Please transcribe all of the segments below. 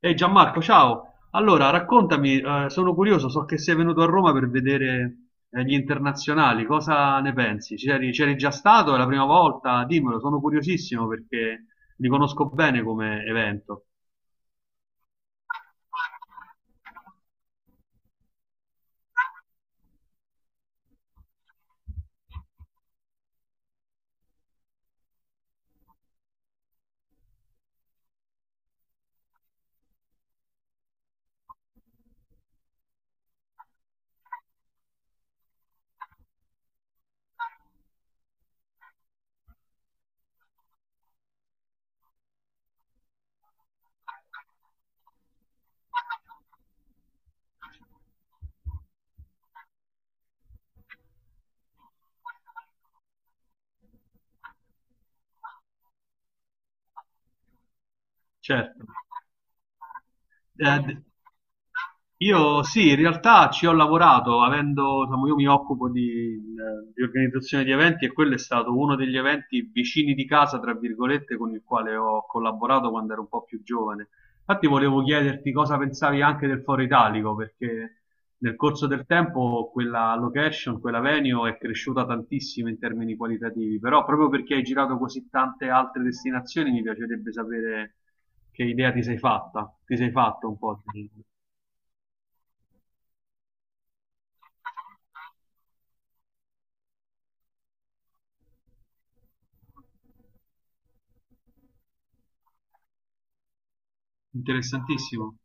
Ehi Gianmarco, ciao! Allora, raccontami, sono curioso, so che sei venuto a Roma per vedere gli internazionali, cosa ne pensi? C'eri già stato? È la prima volta? Dimmelo, sono curiosissimo perché li conosco bene come evento. Certo. Eh, io sì, in realtà ci ho lavorato, avendo, insomma, io mi occupo di organizzazione di eventi e quello è stato uno degli eventi vicini di casa, tra virgolette, con il quale ho collaborato quando ero un po' più giovane. Infatti volevo chiederti cosa pensavi anche del Foro Italico, perché nel corso del tempo quella location, quella venue è cresciuta tantissimo in termini qualitativi, però proprio perché hai girato così tante altre destinazioni mi piacerebbe sapere che idea ti sei fatta, ti sei fatto un po'. Interessantissimo.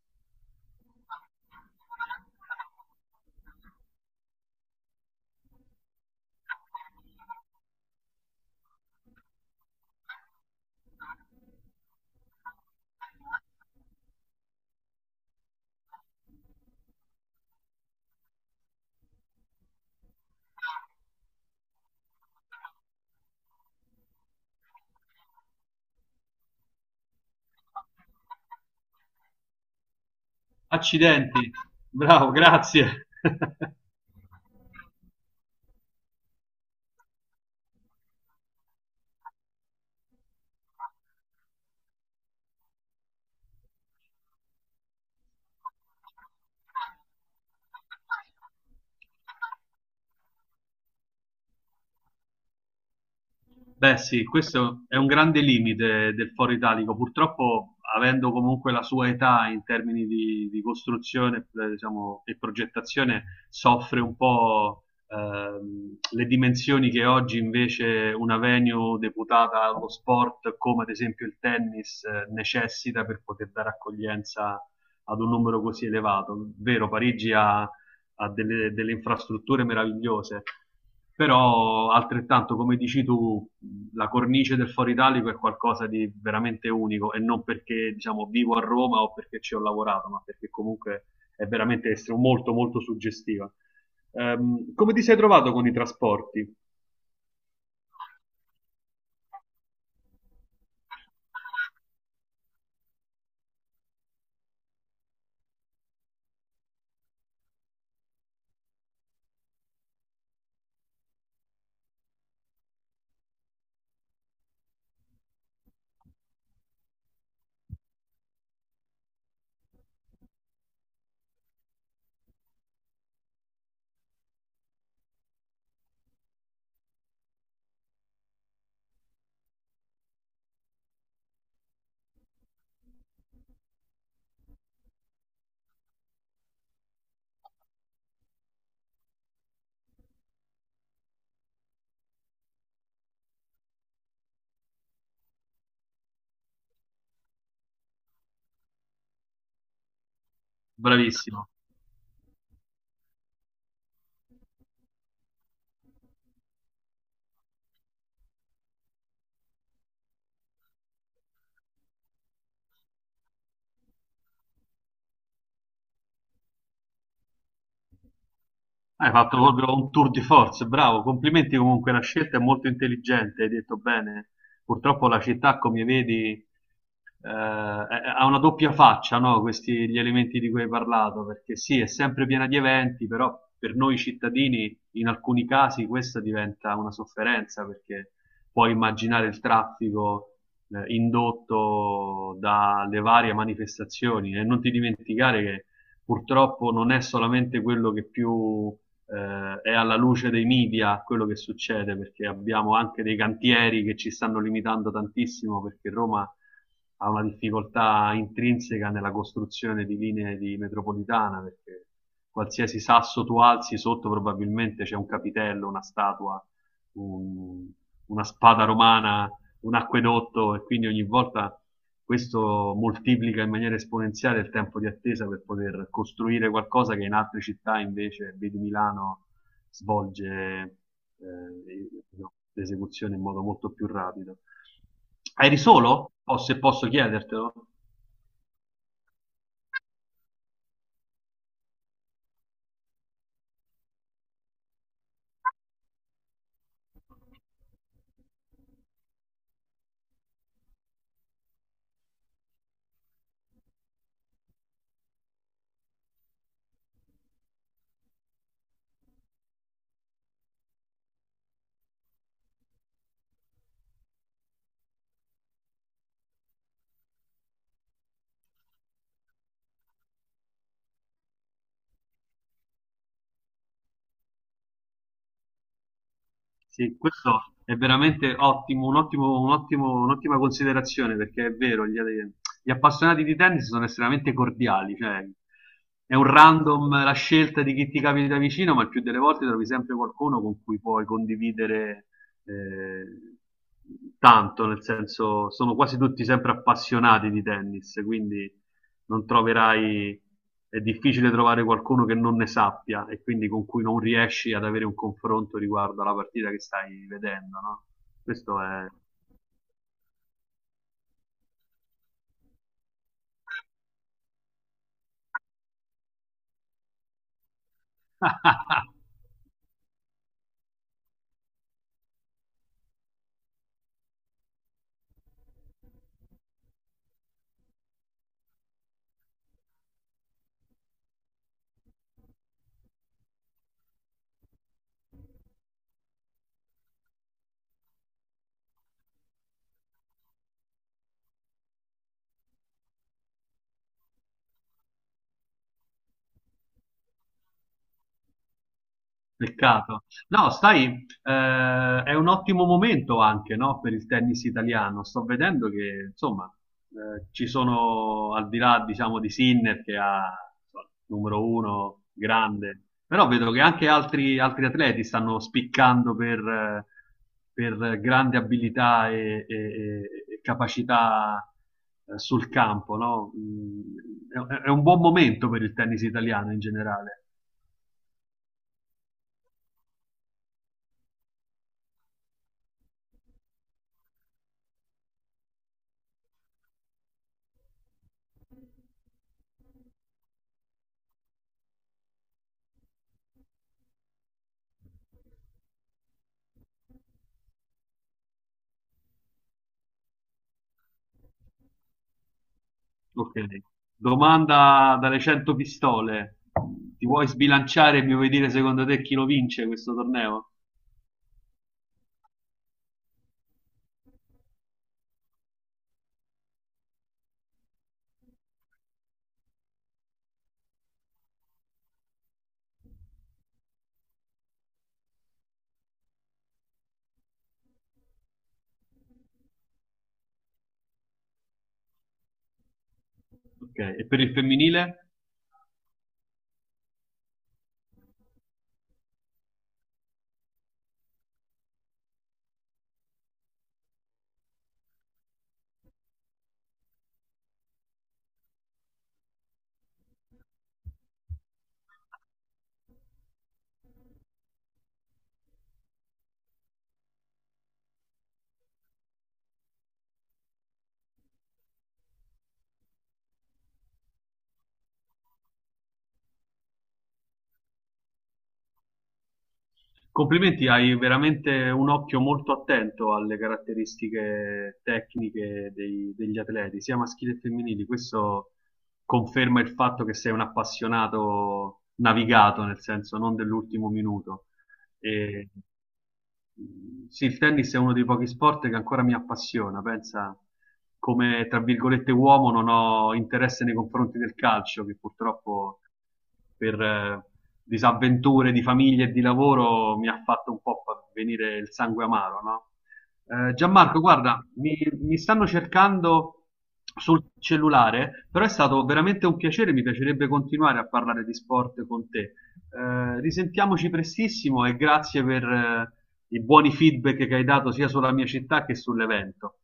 Accidenti, bravo, grazie. Beh, sì, questo è un grande limite del foro italico. Purtroppo, avendo comunque la sua età in termini di costruzione, diciamo, e progettazione, soffre un po' le dimensioni che oggi invece una venue deputata allo sport, come ad esempio il tennis, necessita per poter dare accoglienza ad un numero così elevato. Vero, Parigi ha delle infrastrutture meravigliose, però altrettanto, come dici tu, la cornice del Foro Italico è qualcosa di veramente unico e non perché diciamo, vivo a Roma o perché ci ho lavorato, ma perché comunque è veramente molto molto suggestiva. Come ti sei trovato con i trasporti? Bravissimo. Hai fatto proprio un tour di force, bravo. Complimenti comunque, la scelta è molto intelligente, hai detto bene. Purtroppo la città, come vedi, ha una doppia faccia, no? Questi gli elementi di cui hai parlato, perché sì, è sempre piena di eventi, però per noi cittadini in alcuni casi questa diventa una sofferenza perché puoi immaginare il traffico indotto dalle varie manifestazioni e non ti dimenticare che purtroppo non è solamente quello che più è alla luce dei media quello che succede perché abbiamo anche dei cantieri che ci stanno limitando tantissimo perché Roma ha una difficoltà intrinseca nella costruzione di linee di metropolitana perché qualsiasi sasso tu alzi sotto probabilmente c'è un capitello, una statua, un- una spada romana, un acquedotto e quindi ogni volta questo moltiplica in maniera esponenziale il tempo di attesa per poter costruire qualcosa che in altre città invece, vedi Milano, svolge eh, l'esecuzione in modo molto più rapido. Eri solo? O se posso chiedertelo? Sì, questo è veramente ottimo, un'ottima considerazione perché è vero, gli appassionati di tennis sono estremamente cordiali, cioè è un random la scelta di chi ti capita vicino, ma il più delle volte trovi sempre qualcuno con cui puoi condividere eh, tanto, nel senso sono quasi tutti sempre appassionati di tennis, quindi non troverai, è difficile trovare qualcuno che non ne sappia e quindi con cui non riesci ad avere un confronto riguardo alla partita che stai vedendo, no? Questo è... Peccato. No, sai, è un ottimo momento anche, no, per il tennis italiano. Sto vedendo che, insomma, ci sono, al di là, diciamo, di Sinner, che ha insomma, numero uno, grande, però vedo che anche altri atleti stanno spiccando per grande abilità e, e capacità sul campo, no? Mm, è un buon momento per il tennis italiano in generale. Ok. Domanda dalle 100 pistole. Ti vuoi sbilanciare e mi vuoi dire secondo te chi lo vince questo torneo? Ok. E per il femminile? Complimenti, hai veramente un occhio molto attento alle caratteristiche tecniche degli atleti, sia maschili che femminili. Questo conferma il fatto che sei un appassionato navigato, nel senso non dell'ultimo minuto. E, sì, il tennis è uno dei pochi sport che ancora mi appassiona. Pensa, come tra virgolette uomo, non ho interesse nei confronti del calcio, che purtroppo per disavventure di famiglia e di lavoro mi ha fatto un po' venire il sangue amaro, no? Gianmarco, guarda, mi stanno cercando sul cellulare, però è stato veramente un piacere, mi piacerebbe continuare a parlare di sport con te. Risentiamoci prestissimo e grazie per i buoni feedback che hai dato sia sulla mia città che sull'evento.